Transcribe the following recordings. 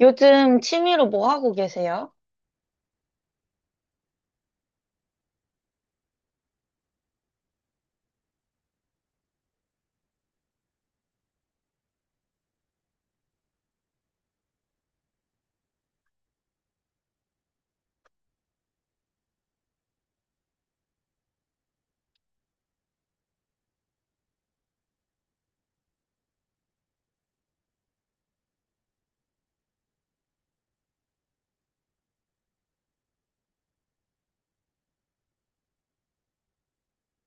요즘 취미로 뭐 하고 계세요?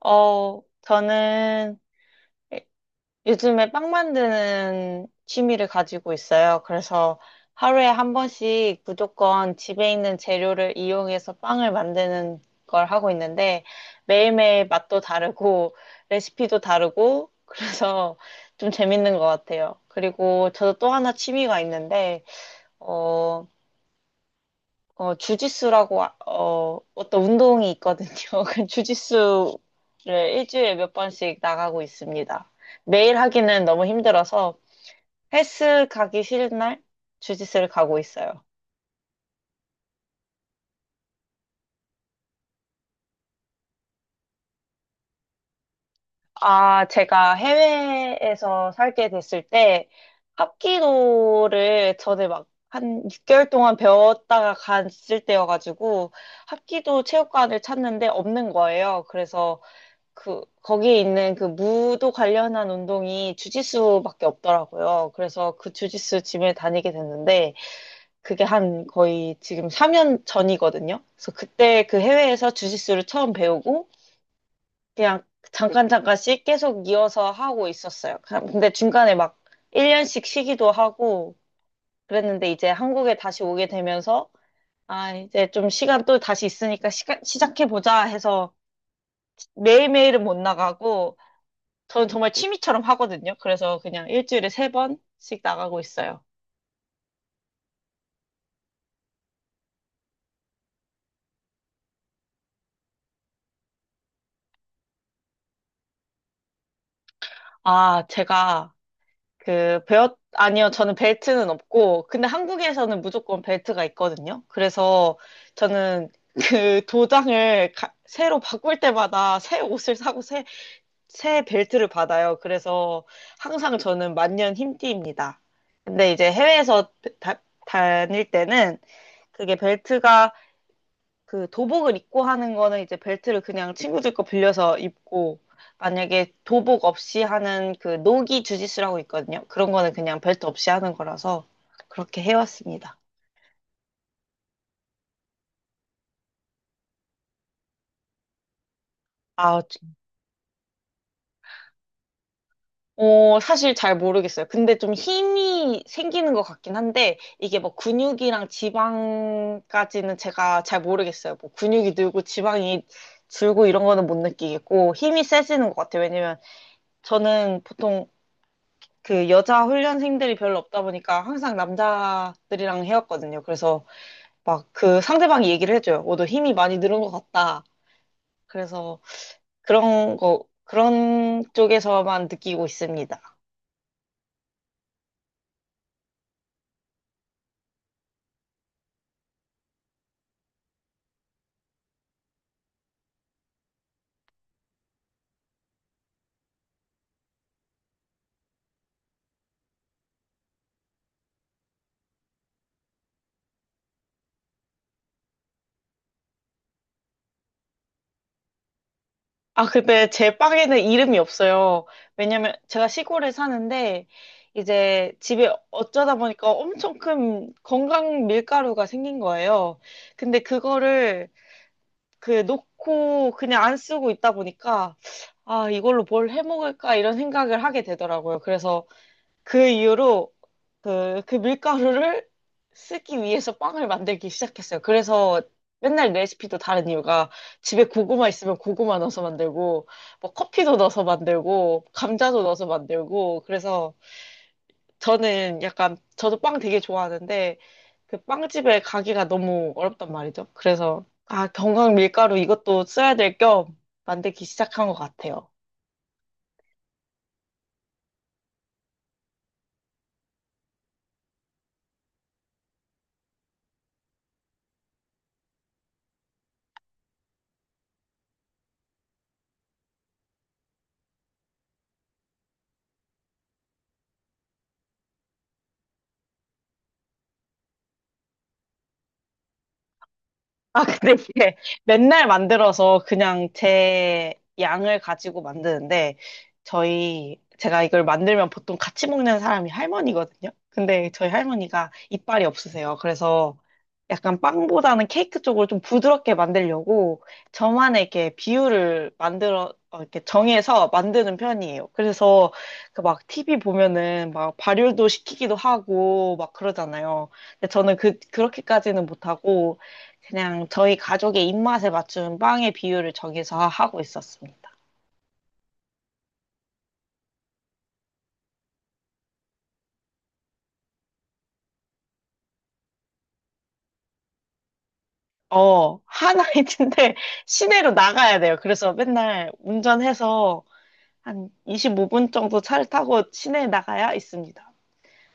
저는 요즘에 빵 만드는 취미를 가지고 있어요. 그래서 하루에 한 번씩 무조건 집에 있는 재료를 이용해서 빵을 만드는 걸 하고 있는데 매일매일 맛도 다르고 레시피도 다르고 그래서 좀 재밌는 것 같아요. 그리고 저도 또 하나 취미가 있는데, 어, 주짓수라고, 어떤 운동이 있거든요. 그 주짓수를 일주일에 몇 번씩 나가고 있습니다. 매일 하기는 너무 힘들어서 헬스 가기 싫은 날 주짓수를 가고 있어요. 아, 제가 해외에서 살게 됐을 때 합기도를 전에 막 한 6개월 동안 배웠다가 갔을 때여가지고 합기도 체육관을 찾는데 없는 거예요. 그래서 그 거기 있는 그 무도 관련한 운동이 주짓수밖에 없더라고요. 그래서 그 주짓수 짐을 다니게 됐는데 그게 한 거의 지금 3년 전이거든요. 그래서 그때 그 해외에서 주짓수를 처음 배우고 그냥 잠깐씩 계속 이어서 하고 있었어요. 그냥 근데 중간에 막 1년씩 쉬기도 하고 그랬는데 이제 한국에 다시 오게 되면서 아 이제 좀 시간 또 다시 있으니까 시간 시작해 보자 해서 매일매일은 못 나가고 저는 정말 취미처럼 하거든요. 그래서 그냥 일주일에 세 번씩 나가고 있어요. 아, 제가 아니요, 저는 벨트는 없고, 근데 한국에서는 무조건 벨트가 있거든요. 그래서 저는 그 새로 바꿀 때마다 새 옷을 사고 새 벨트를 받아요. 그래서 항상 저는 만년 흰띠입니다. 근데 이제 해외에서 다, 다닐 때는 그게 벨트가 그 도복을 입고 하는 거는 이제 벨트를 그냥 친구들 거 빌려서 입고 만약에 도복 없이 하는 그 노기 주짓수라고 있거든요. 그런 거는 그냥 벨트 없이 하는 거라서 그렇게 해왔습니다. 아, 사실 잘 모르겠어요. 근데 좀 힘이 생기는 것 같긴 한데 이게 뭐 근육이랑 지방까지는 제가 잘 모르겠어요. 뭐 근육이 늘고 지방이 줄고 이런 거는 못 느끼겠고 힘이 세지는 것 같아요. 왜냐면 저는 보통 그 여자 훈련생들이 별로 없다 보니까 항상 남자들이랑 해왔거든요. 그래서 막 그 상대방이 얘기를 해줘요. 어, 너 힘이 많이 늘은 것 같다. 그래서 그런 쪽에서만 느끼고 있습니다. 아, 근데 제 빵에는 이름이 없어요. 왜냐면 제가 시골에 사는데 이제 집에 어쩌다 보니까 엄청 큰 건강 밀가루가 생긴 거예요. 근데 그거를 그 놓고 그냥 안 쓰고 있다 보니까 아, 이걸로 뭘 해먹을까 이런 생각을 하게 되더라고요. 그래서 그 이후로 그 밀가루를 쓰기 위해서 빵을 만들기 시작했어요. 그래서 맨날 레시피도 다른 이유가 집에 고구마 있으면 고구마 넣어서 만들고 뭐 커피도 넣어서 만들고 감자도 넣어서 만들고 그래서 저는 약간, 저도 빵 되게 좋아하는데, 그 빵집에 가기가 너무 어렵단 말이죠. 그래서, 아, 건강 밀가루 이것도 써야 될 겸 만들기 시작한 것 같아요. 아, 근데 이게 맨날 만들어서 그냥 제 양을 가지고 만드는데, 제가 이걸 만들면 보통 같이 먹는 사람이 할머니거든요? 근데 저희 할머니가 이빨이 없으세요. 그래서 약간 빵보다는 케이크 쪽으로 좀 부드럽게 만들려고 저만의 이렇게 비율을 이렇게 정해서 만드는 편이에요. 그래서 그 막 TV 보면은 막 발효도 시키기도 하고 막 그러잖아요. 근데 저는 그렇게까지는 못하고, 그냥 저희 가족의 입맛에 맞춘 빵의 비율을 정해서 하고 있었습니다. 어, 하나인데 시내로 나가야 돼요. 그래서 맨날 운전해서 한 25분 정도 차를 타고 시내에 나가야 있습니다.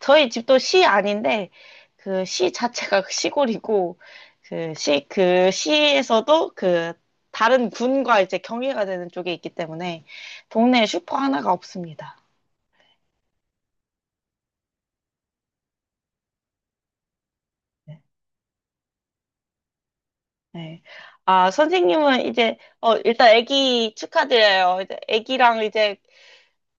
저희 집도 시 아닌데 그 시 자체가 시골이고 그 시에서도 그 다른 군과 이제 경계가 되는 쪽에 있기 때문에 동네에 슈퍼 하나가 없습니다. 네. 아, 선생님은 이제, 어, 일단 아기 축하드려요. 이제 아기랑 이제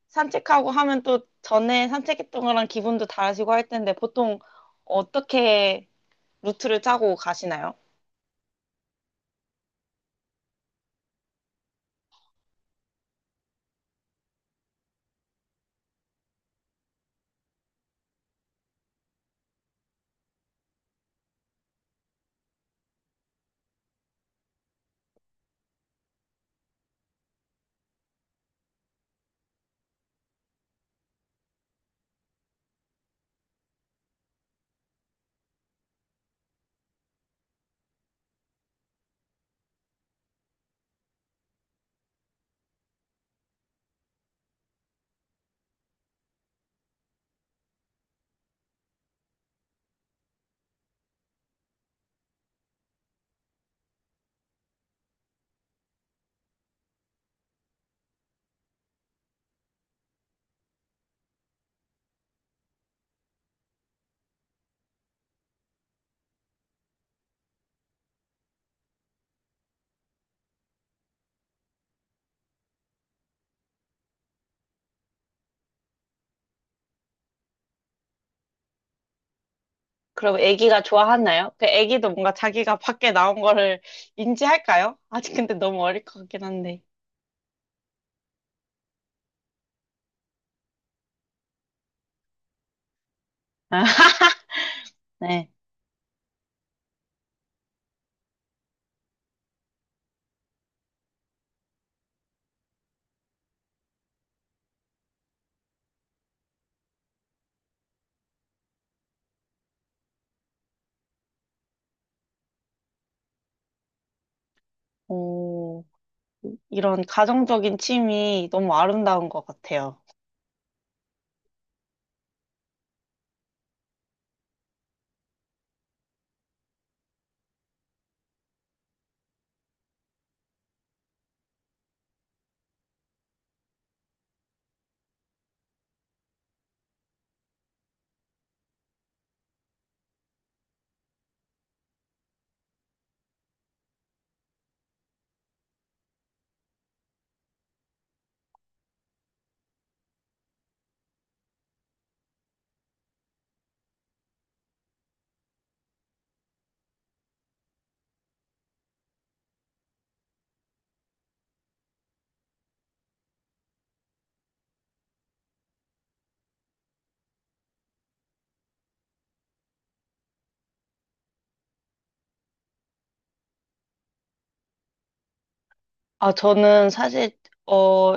산책하고 하면 또 전에 산책했던 거랑 기분도 다르시고 할 텐데 보통 어떻게 루트를 짜고 가시나요? 그럼 아기가 좋아하나요? 그 아기도 뭔가 자기가 밖에 나온 거를 인지할까요? 아직 근데 너무 어릴 것 같긴 한데. 아, 네. 오, 이런 가정적인 취미 너무 아름다운 것 같아요. 저는 사실, 어,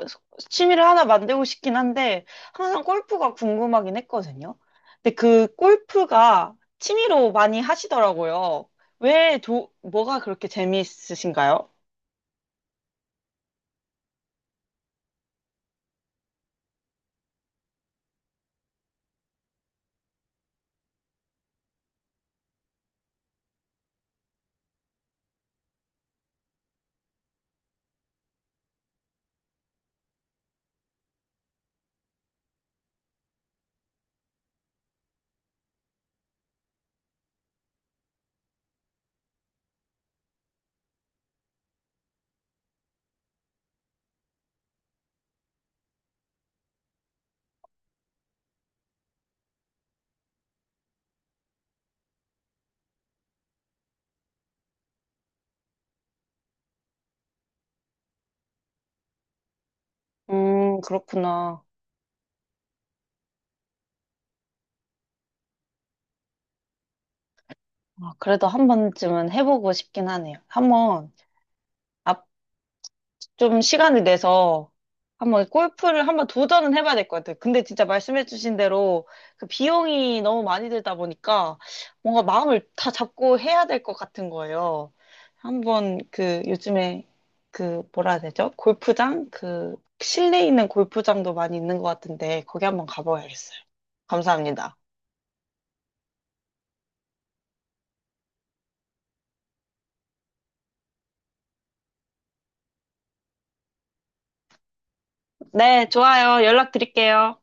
취미를 하나 만들고 싶긴 한데, 항상 골프가 궁금하긴 했거든요. 근데 그 골프가 취미로 많이 하시더라고요. 뭐가 그렇게 재미있으신가요? 그렇구나. 아, 그래도 한 번쯤은 해보고 싶긴 하네요. 한번 좀 시간을 내서 한번 골프를 한번 도전은 해봐야 될 것 같아요. 근데 진짜 말씀해주신 대로 그 비용이 너무 많이 들다 보니까 뭔가 마음을 다 잡고 해야 될 것 같은 거예요. 한번 그 요즘에 그 뭐라 해야 되죠? 골프장? 그 실내에 있는 골프장도 많이 있는 것 같은데 거기 한번 가봐야겠어요. 감사합니다. 네, 좋아요. 연락 드릴게요.